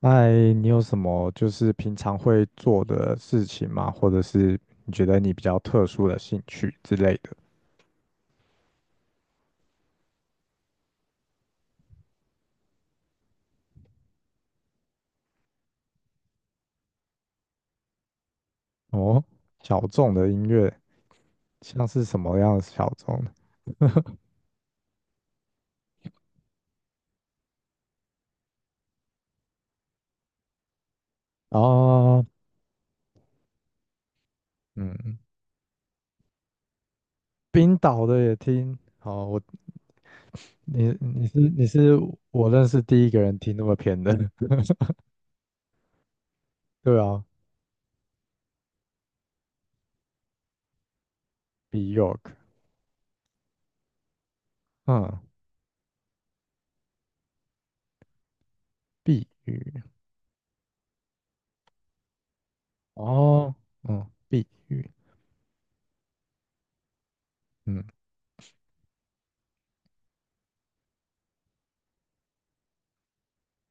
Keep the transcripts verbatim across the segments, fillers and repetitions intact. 嗨，你有什么就是平常会做的事情吗？或者是你觉得你比较特殊的兴趣之类的？哦，小众的音乐，像是什么样的小众的哦，嗯，冰岛的也听。哦，我你你是你是我认识第一个人听那么偏的，对啊，Bjork，嗯，碧玉，哦，嗯，碧玉，嗯，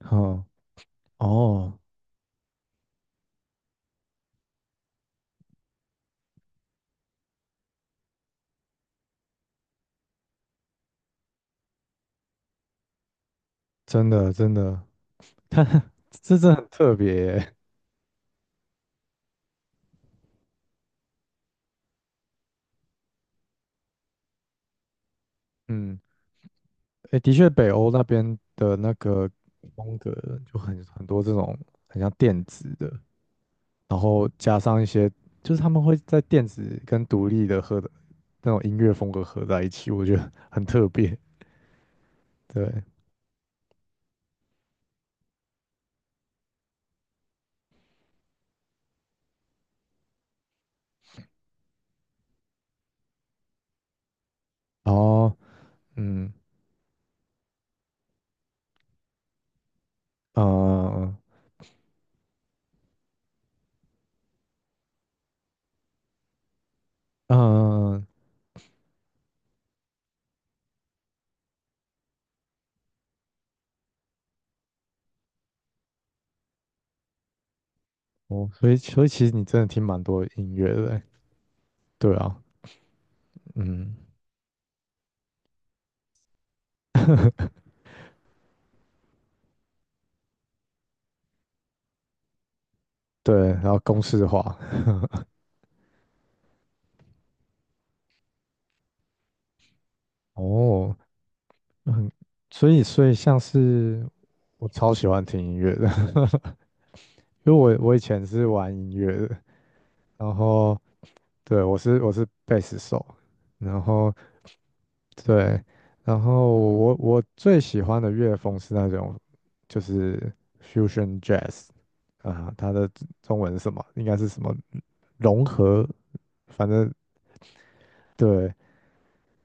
好，哦，真的真的。它 这真的很特别耶嗯，诶，的确，北欧那边的那个风格就很很多这种很像电子的，然后加上一些，就是他们会在电子跟独立的和的那种音乐风格合在一起，我觉得很特别。对，然后，嗯，呃，嗯，哦，所以，所以其实你真的听蛮多音乐的耶，对啊，嗯，对，然后公式化，哦，很所以，所以像是我超喜欢听音乐的，因为我我以前是玩音乐的，然后对我是我是贝斯手，然后对，然后我我最喜欢的乐风是那种就是 fusion jazz 啊，它的中文是什么？应该是什么融合，反正对，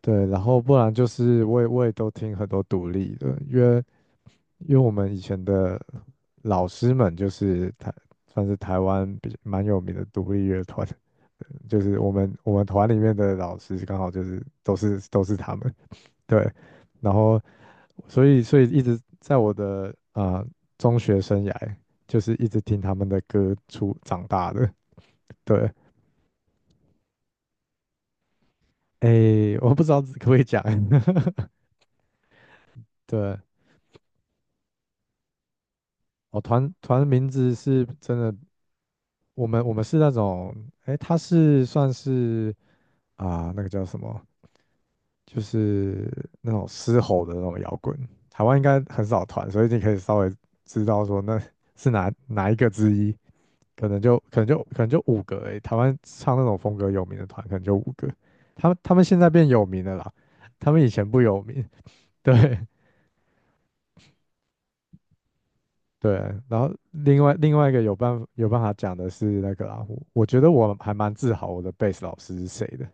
对，然后不然就是我也我也都听很多独立的，因为因为我们以前的老师们就是台算是台湾比蛮有名的独立乐团，就是我们我们团里面的老师刚好就是都是都是他们，对，然后所以所以一直在我的啊、呃中学生涯就是一直听他们的歌出长大的，对，诶，我不知道可不可以讲，对。哦，团团名字是真的我们我们是那种，哎，他是算是啊、那个叫什么，就是那种嘶吼的那种摇滚。台湾应该很少团，所以你可以稍微知道说那是哪哪一个之一，可能就可能就可能就五个哎、台湾唱那种风格有名的团，可能就五个。他们他们现在变有名了啦，他们以前不有名。对对，然后另外另外一个有办有办法讲的是那个啦，我我觉得我还蛮自豪我的贝斯老师是谁的。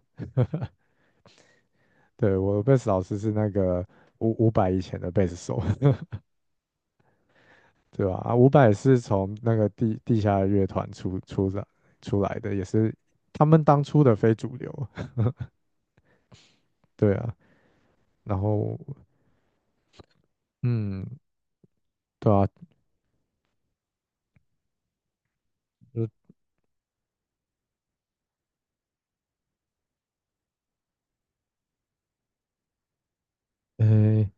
对，我的贝斯老师是那个五五百以前的贝斯手，对吧？啊，五百是从那个地地下乐团出出来出来的，也是他们当初的非主流，对啊。然后，嗯，对啊，就诶，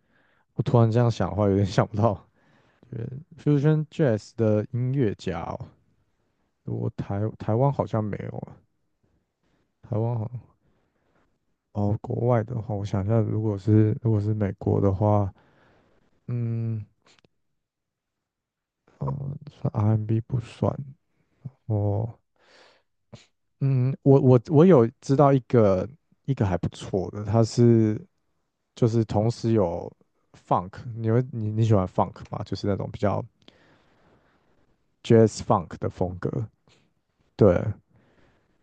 我突然这样想的话，有点想不到，对，Fusion Jazz 的音乐家哦，我台台湾好像没有啊，台湾好哦，国外的话，我想一下，如果是如果是美国的话，嗯，哦，算 R and B 不算。哦，嗯，我我我有知道一个一个还不错的，他是就是同时有 funk，你会你你喜欢 funk 吗？就是那种比较 jazz funk 的风格，对，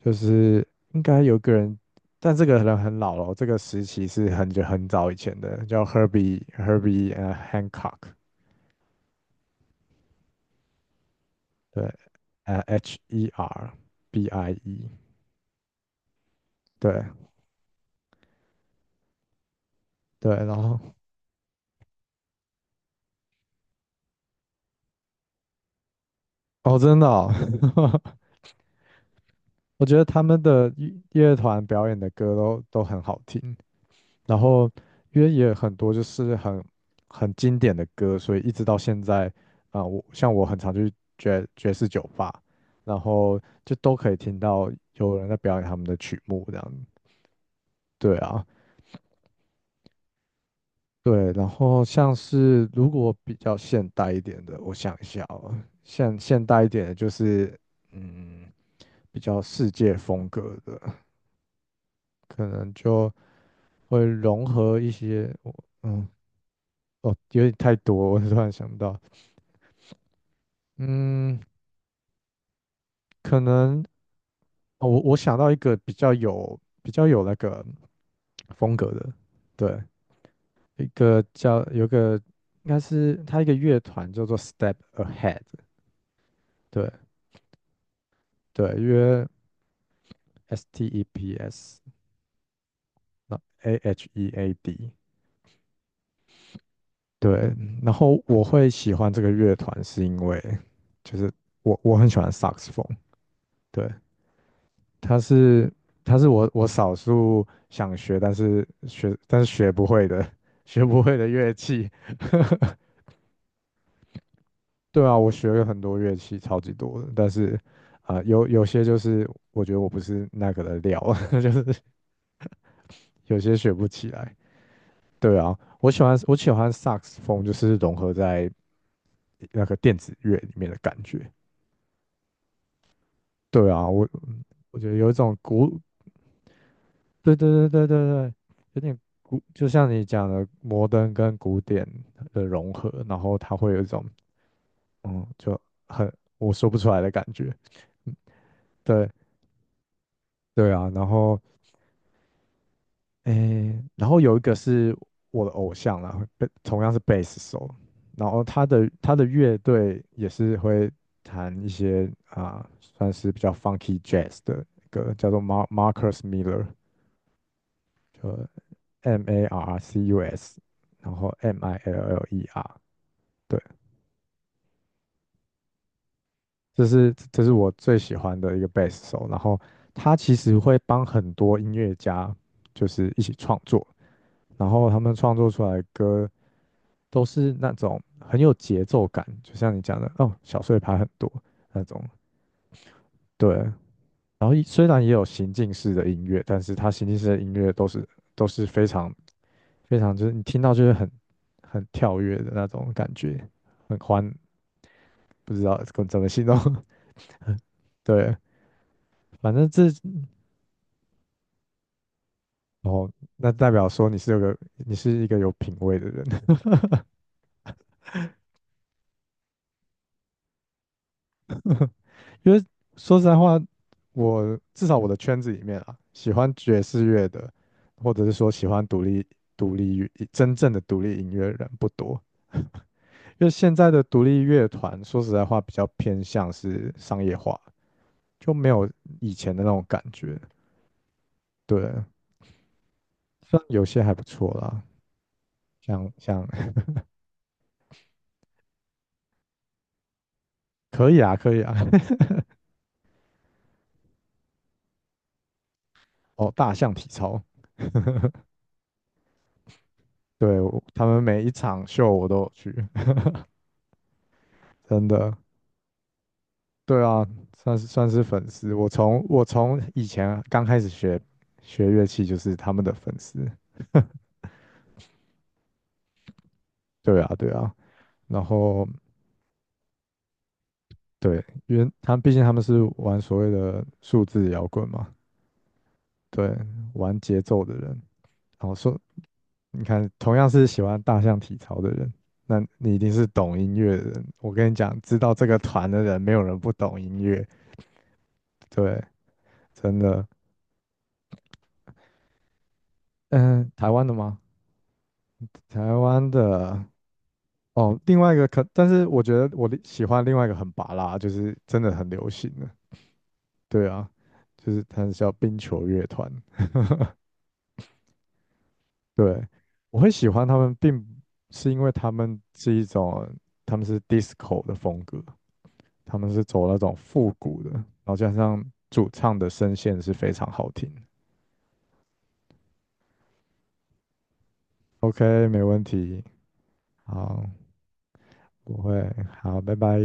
就是应该有个人，但这个人很老了，这个时期是很久很早以前的，叫 Herbie Herbie 呃 Hancock，对，呃 H E R B I E，对对，然后哦真的哦 我觉得他们的乐乐团表演的歌都都很好听，然后因为也很多就是很很经典的歌，所以一直到现在啊、我像我很常去爵爵士酒吧，然后就都可以听到有人在表演他们的曲目这样。对啊，对，然后像是如果比较现代一点的，我想一下哦，现现代一点的就是嗯比较世界风格的。可能就会融合一些，我嗯，哦，有点太多，我突然想到，嗯，可能哦，我我想到一个比较有比较有那个风格的，对，一个叫有个应该是它一个乐团叫做 Step Ahead，对对，约 S T E P S 那 A H E A D，对，然后我会喜欢这个乐团是因为就是我我很喜欢萨克斯风，对，它是它是我我少数想学，但是学但是学不会的 学不会的乐器。对啊，我学了很多乐器，超级多的，但是啊、呃有有些就是我觉得我不是那个的料，就是有些学不起来。对啊，我喜欢我喜欢萨克斯风，就是融合在那个电子乐里面的感觉。对啊，我嗯我觉得有一种古对对对对对对，有点古，就像你讲的摩登跟古典的融合，然后它会有一种嗯，就很我说不出来的感觉。嗯对对啊，然后诶，然后有一个是我的偶像啦，贝同样是贝斯手，然后他的他的乐队也是会弹一些啊、算是比较 funky jazz 的歌，叫做 Mar Marcus Miller。M A R R C U S，然后 M I L L E R，对，这是这是我最喜欢的一个贝斯手。然后他其实会帮很多音乐家就是一起创作，然后他们创作出来的歌都是那种很有节奏感，就像你讲的哦，小碎拍很多那种。对，然后虽然也有行进式的音乐，但是它行进式的音乐都是都是非常非常就是你听到就是很很跳跃的那种感觉，很欢不知道怎怎么形容。对，反正这哦，那代表说你是有个你是一个有品味的人，因为说实在话，我至少我的圈子里面啊，喜欢爵士乐的，或者是说喜欢独立独立乐真正的独立音乐的人不多，因为现在的独立乐团说实在话比较偏向是商业化，就没有以前的那种感觉。对，虽然有些还不错啦，像像 可以啊，可以啊。哦，大象体操，对，我他们每一场秀我都有去，真的，对啊，算是算是粉丝。我从我从以前刚开始学学乐器就是他们的粉丝，对啊对啊。然后对，因为他们毕竟他们是玩所谓的数字摇滚嘛，对，玩节奏的人。然后说，你看，同样是喜欢大象体操的人，那你一定是懂音乐的人。我跟你讲，知道这个团的人，没有人不懂音乐，对，真的。嗯，台湾的吗？台湾的哦，另外一个可，但是我觉得我的喜欢另外一个很拔辣，就是真的很流行的，对啊，就是它是叫冰球乐团，对，我会喜欢他们，并不是因为他们是一种，他们是 disco 的风格，他们是走那种复古的，然后加上主唱的声线是非常好听的。OK，没问题，好，不会，好，拜拜。